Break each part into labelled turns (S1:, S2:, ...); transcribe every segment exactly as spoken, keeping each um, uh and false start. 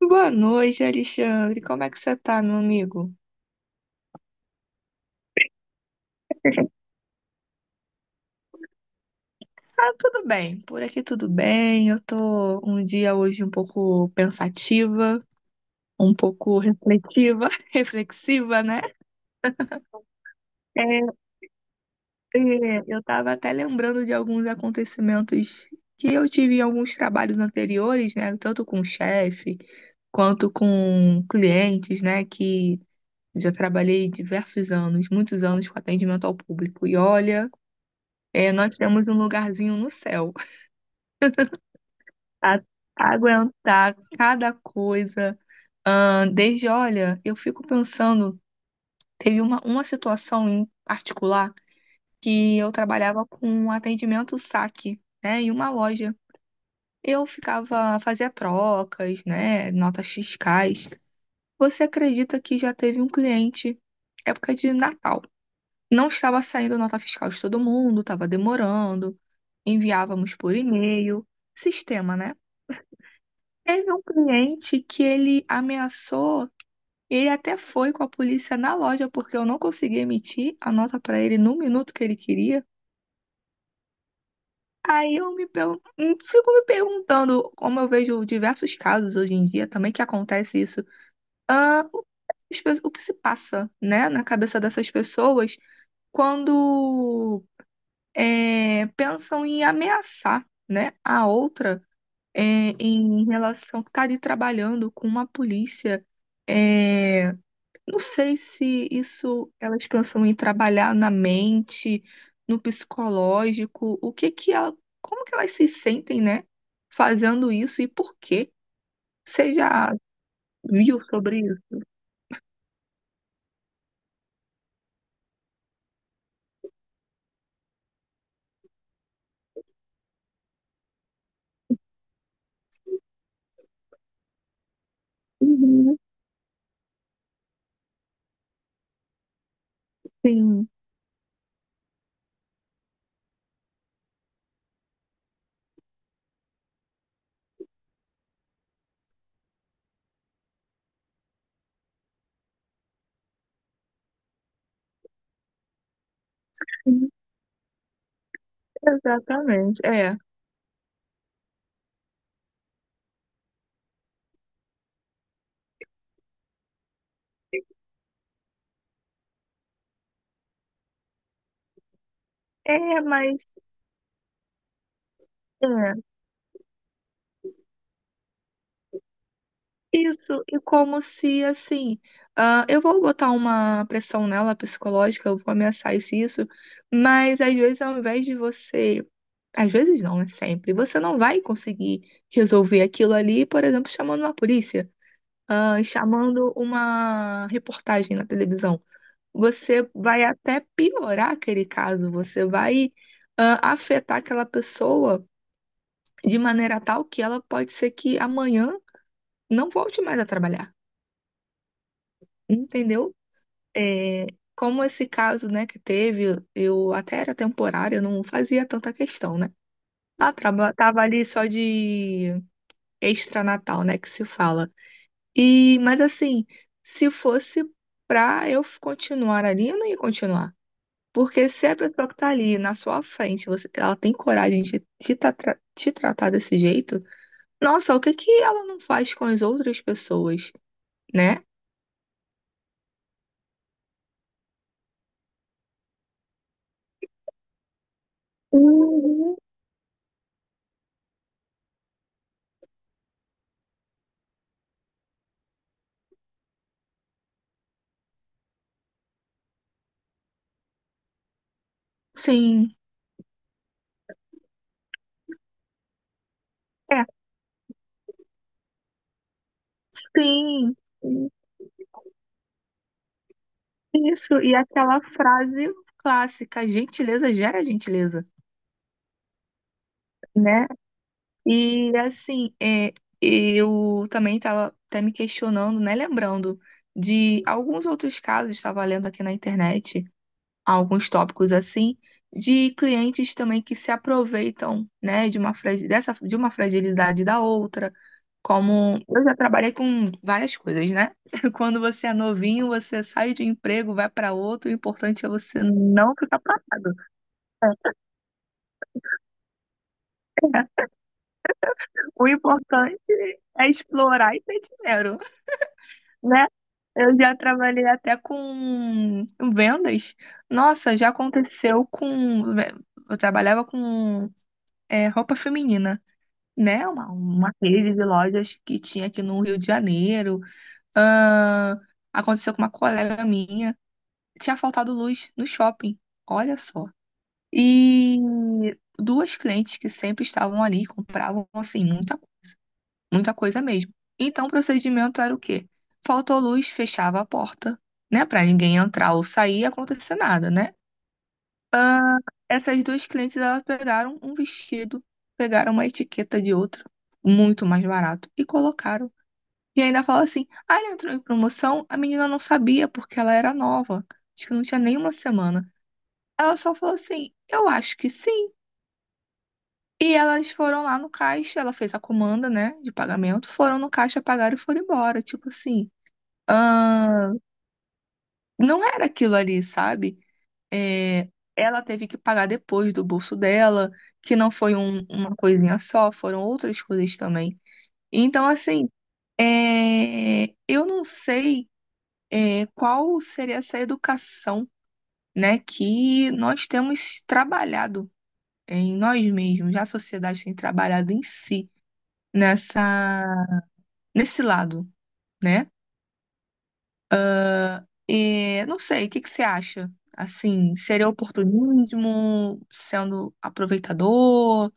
S1: Boa noite, Alexandre. Como é que você tá, meu amigo? Ah, tudo bem. Por aqui tudo bem. Eu tô um dia hoje um pouco pensativa, um pouco reflexiva, reflexiva, né? É, é, eu tava até lembrando de alguns acontecimentos que eu tive em alguns trabalhos anteriores, né? Tanto com chefe quanto com clientes, né? Que já trabalhei diversos anos, muitos anos com atendimento ao público. E olha, é, nós temos um lugarzinho no céu. a- Aguentar cada coisa. Ahn, desde, olha, eu fico pensando, teve uma, uma situação em particular que eu trabalhava com um atendimento saque, né, em uma loja. Eu ficava, fazia trocas, né, notas fiscais. Você acredita que já teve um cliente, época de Natal, não estava saindo nota fiscal de todo mundo, estava demorando, enviávamos por e-mail, sistema, né? Teve um cliente que ele ameaçou, ele até foi com a polícia na loja, porque eu não consegui emitir a nota para ele no minuto que ele queria. Aí eu me pergun- Fico me perguntando, como eu vejo diversos casos hoje em dia também que acontece isso, ah, o as pe- o que se passa, né, na cabeça dessas pessoas quando é, pensam em ameaçar, né, a outra é, em relação que está ali trabalhando com uma polícia. É, não sei se isso elas pensam em trabalhar na mente, no psicológico, o que que ela, como que elas se sentem, né, fazendo isso e por quê? Você já viu sobre isso? Uhum, sim, sim, exatamente. É, é, mas é. Isso, e como se assim, ah, eu vou botar uma pressão nela psicológica, eu vou ameaçar isso, e isso, mas às vezes ao invés de você, às vezes não, é sempre, você não vai conseguir resolver aquilo ali, por exemplo, chamando uma polícia, ah, chamando uma reportagem na televisão. Você vai até piorar aquele caso, você vai, Ah, afetar aquela pessoa de maneira tal que ela pode ser que amanhã não volte mais a trabalhar. Entendeu? É, como esse caso, né, que teve, eu até era temporário, eu não fazia tanta questão, né? Ah, traba- tava ali só de extra-natal, né, que se fala. E, mas assim, se fosse pra eu f- continuar ali, eu não ia continuar. Porque se a pessoa que tá ali na sua frente, você, ela tem coragem de te, tra- tra- te tratar desse jeito, nossa, o que que ela não faz com as outras pessoas, né? Uhum. Sim. É, sim. Isso, e aquela frase clássica, gentileza gera gentileza, né? E assim, é, eu também estava até me questionando, né? Lembrando de alguns outros casos, estava lendo aqui na internet, alguns tópicos assim, de clientes também que se aproveitam, né, de uma, fragi- dessa, de uma fragilidade da outra. Como eu já trabalhei com várias coisas, né? Quando você é novinho, você sai de um emprego, vai para outro, o importante é você não ficar parado. O importante é explorar e ter dinheiro, né? Eu já trabalhei até com vendas. Nossa, já aconteceu com. Eu trabalhava com é, roupa feminina. Né? Uma, uma rede de lojas que tinha aqui no Rio de Janeiro. Ah, aconteceu com uma colega minha. Tinha faltado luz no shopping. Olha só. E duas clientes que sempre estavam ali, compravam assim, muita, muita coisa mesmo. Então o procedimento era o quê? Faltou luz, fechava a porta, né? Para ninguém entrar ou sair e acontecer nada, né? Essas duas clientes, elas pegaram um vestido, pegaram uma etiqueta de outro, muito mais barato, e colocaram. E ainda fala assim: ah, ele entrou em promoção, a menina não sabia porque ela era nova, acho que não tinha nenhuma semana. Ela só falou assim: eu acho que sim. E elas foram lá no caixa, ela fez a comanda, né, de pagamento, foram no caixa, pagaram e foram embora. Tipo assim, ah, não era aquilo ali, sabe? É, ela teve que pagar depois do bolso dela, que não foi um- uma coisinha só, foram outras coisas também. Então, assim, é, eu não sei é, qual seria essa educação, né, que nós temos trabalhado em nós mesmos, a sociedade tem trabalhado em si nessa nesse lado, né? E, não sei, o que que você acha? Assim, seria oportunismo, sendo aproveitador?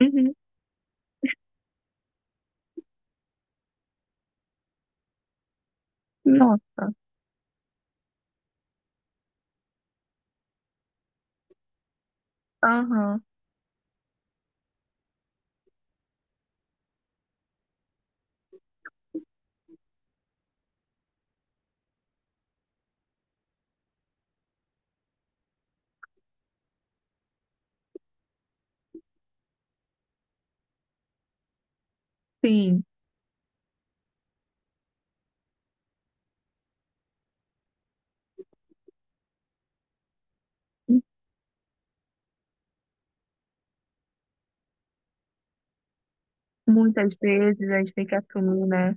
S1: Uhum. Nossa. Aham, sim. Muitas vezes a gente tem que assumir, né?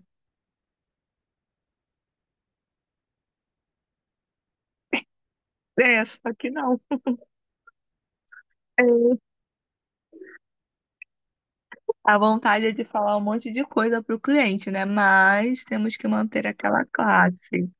S1: É, só que não. É, a vontade é de falar um monte de coisa para o cliente, né? Mas temos que manter aquela classe.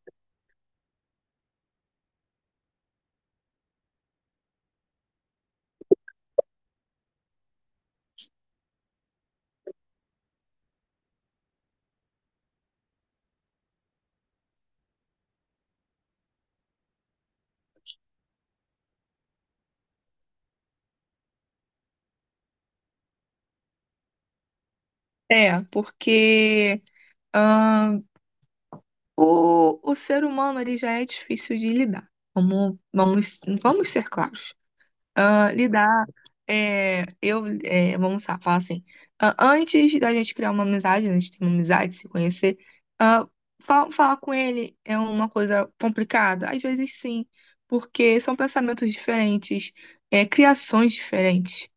S1: É, porque ahn, o, o ser humano ele já é difícil de lidar. Vamos, vamos, vamos ser claros. Ah, lidar, é, eu, é, vamos lá, falar assim, ah, antes da gente criar uma amizade, né, a gente ter uma amizade, se conhecer, ah, fa- falar com ele é uma coisa complicada? Às vezes sim, porque são pensamentos diferentes, é, criações diferentes,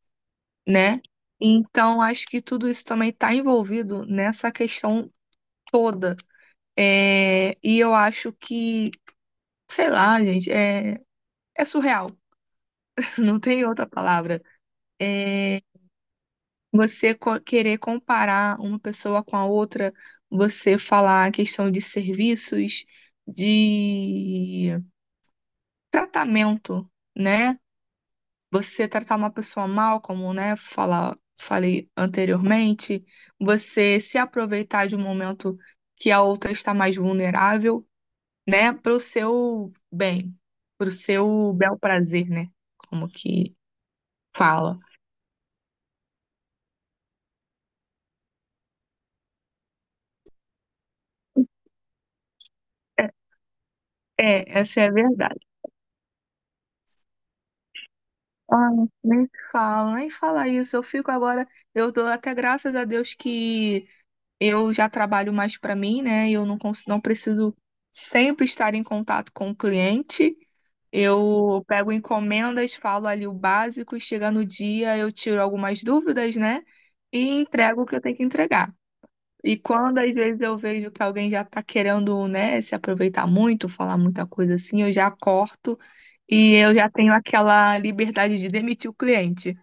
S1: né? Então, acho que tudo isso também está envolvido nessa questão toda. É, e eu acho que, sei lá, gente, é, é surreal, não tem outra palavra. É, Você co- querer comparar uma pessoa com a outra, você falar a questão de serviços, de tratamento, né? Você tratar uma pessoa mal, como, né, falar, falei anteriormente, você se aproveitar de um momento que a outra está mais vulnerável, né, para o seu bem, para o seu bel prazer, né? Como que fala. É, é, essa é a verdade. Ah, nem fala, nem fala isso. Eu fico agora, eu dou até graças a Deus que eu já trabalho mais para mim, né? Eu não, cons- Não preciso sempre estar em contato com o cliente. Eu pego encomendas, falo ali o básico, e chega no dia, eu tiro algumas dúvidas, né? E entrego o que eu tenho que entregar. E quando às vezes eu vejo que alguém já tá querendo, né, se aproveitar muito, falar muita coisa assim, eu já corto e eu já tenho aquela liberdade de demitir o cliente.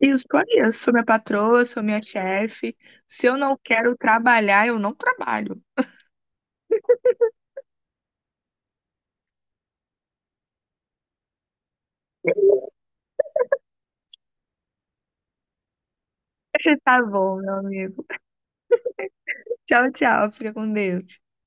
S1: Isso aí, eu sou minha patroa, eu sou minha chefe. Se eu não quero trabalhar, eu não trabalho. Tá bom, meu amigo. Tchau, tchau. Fica com Deus.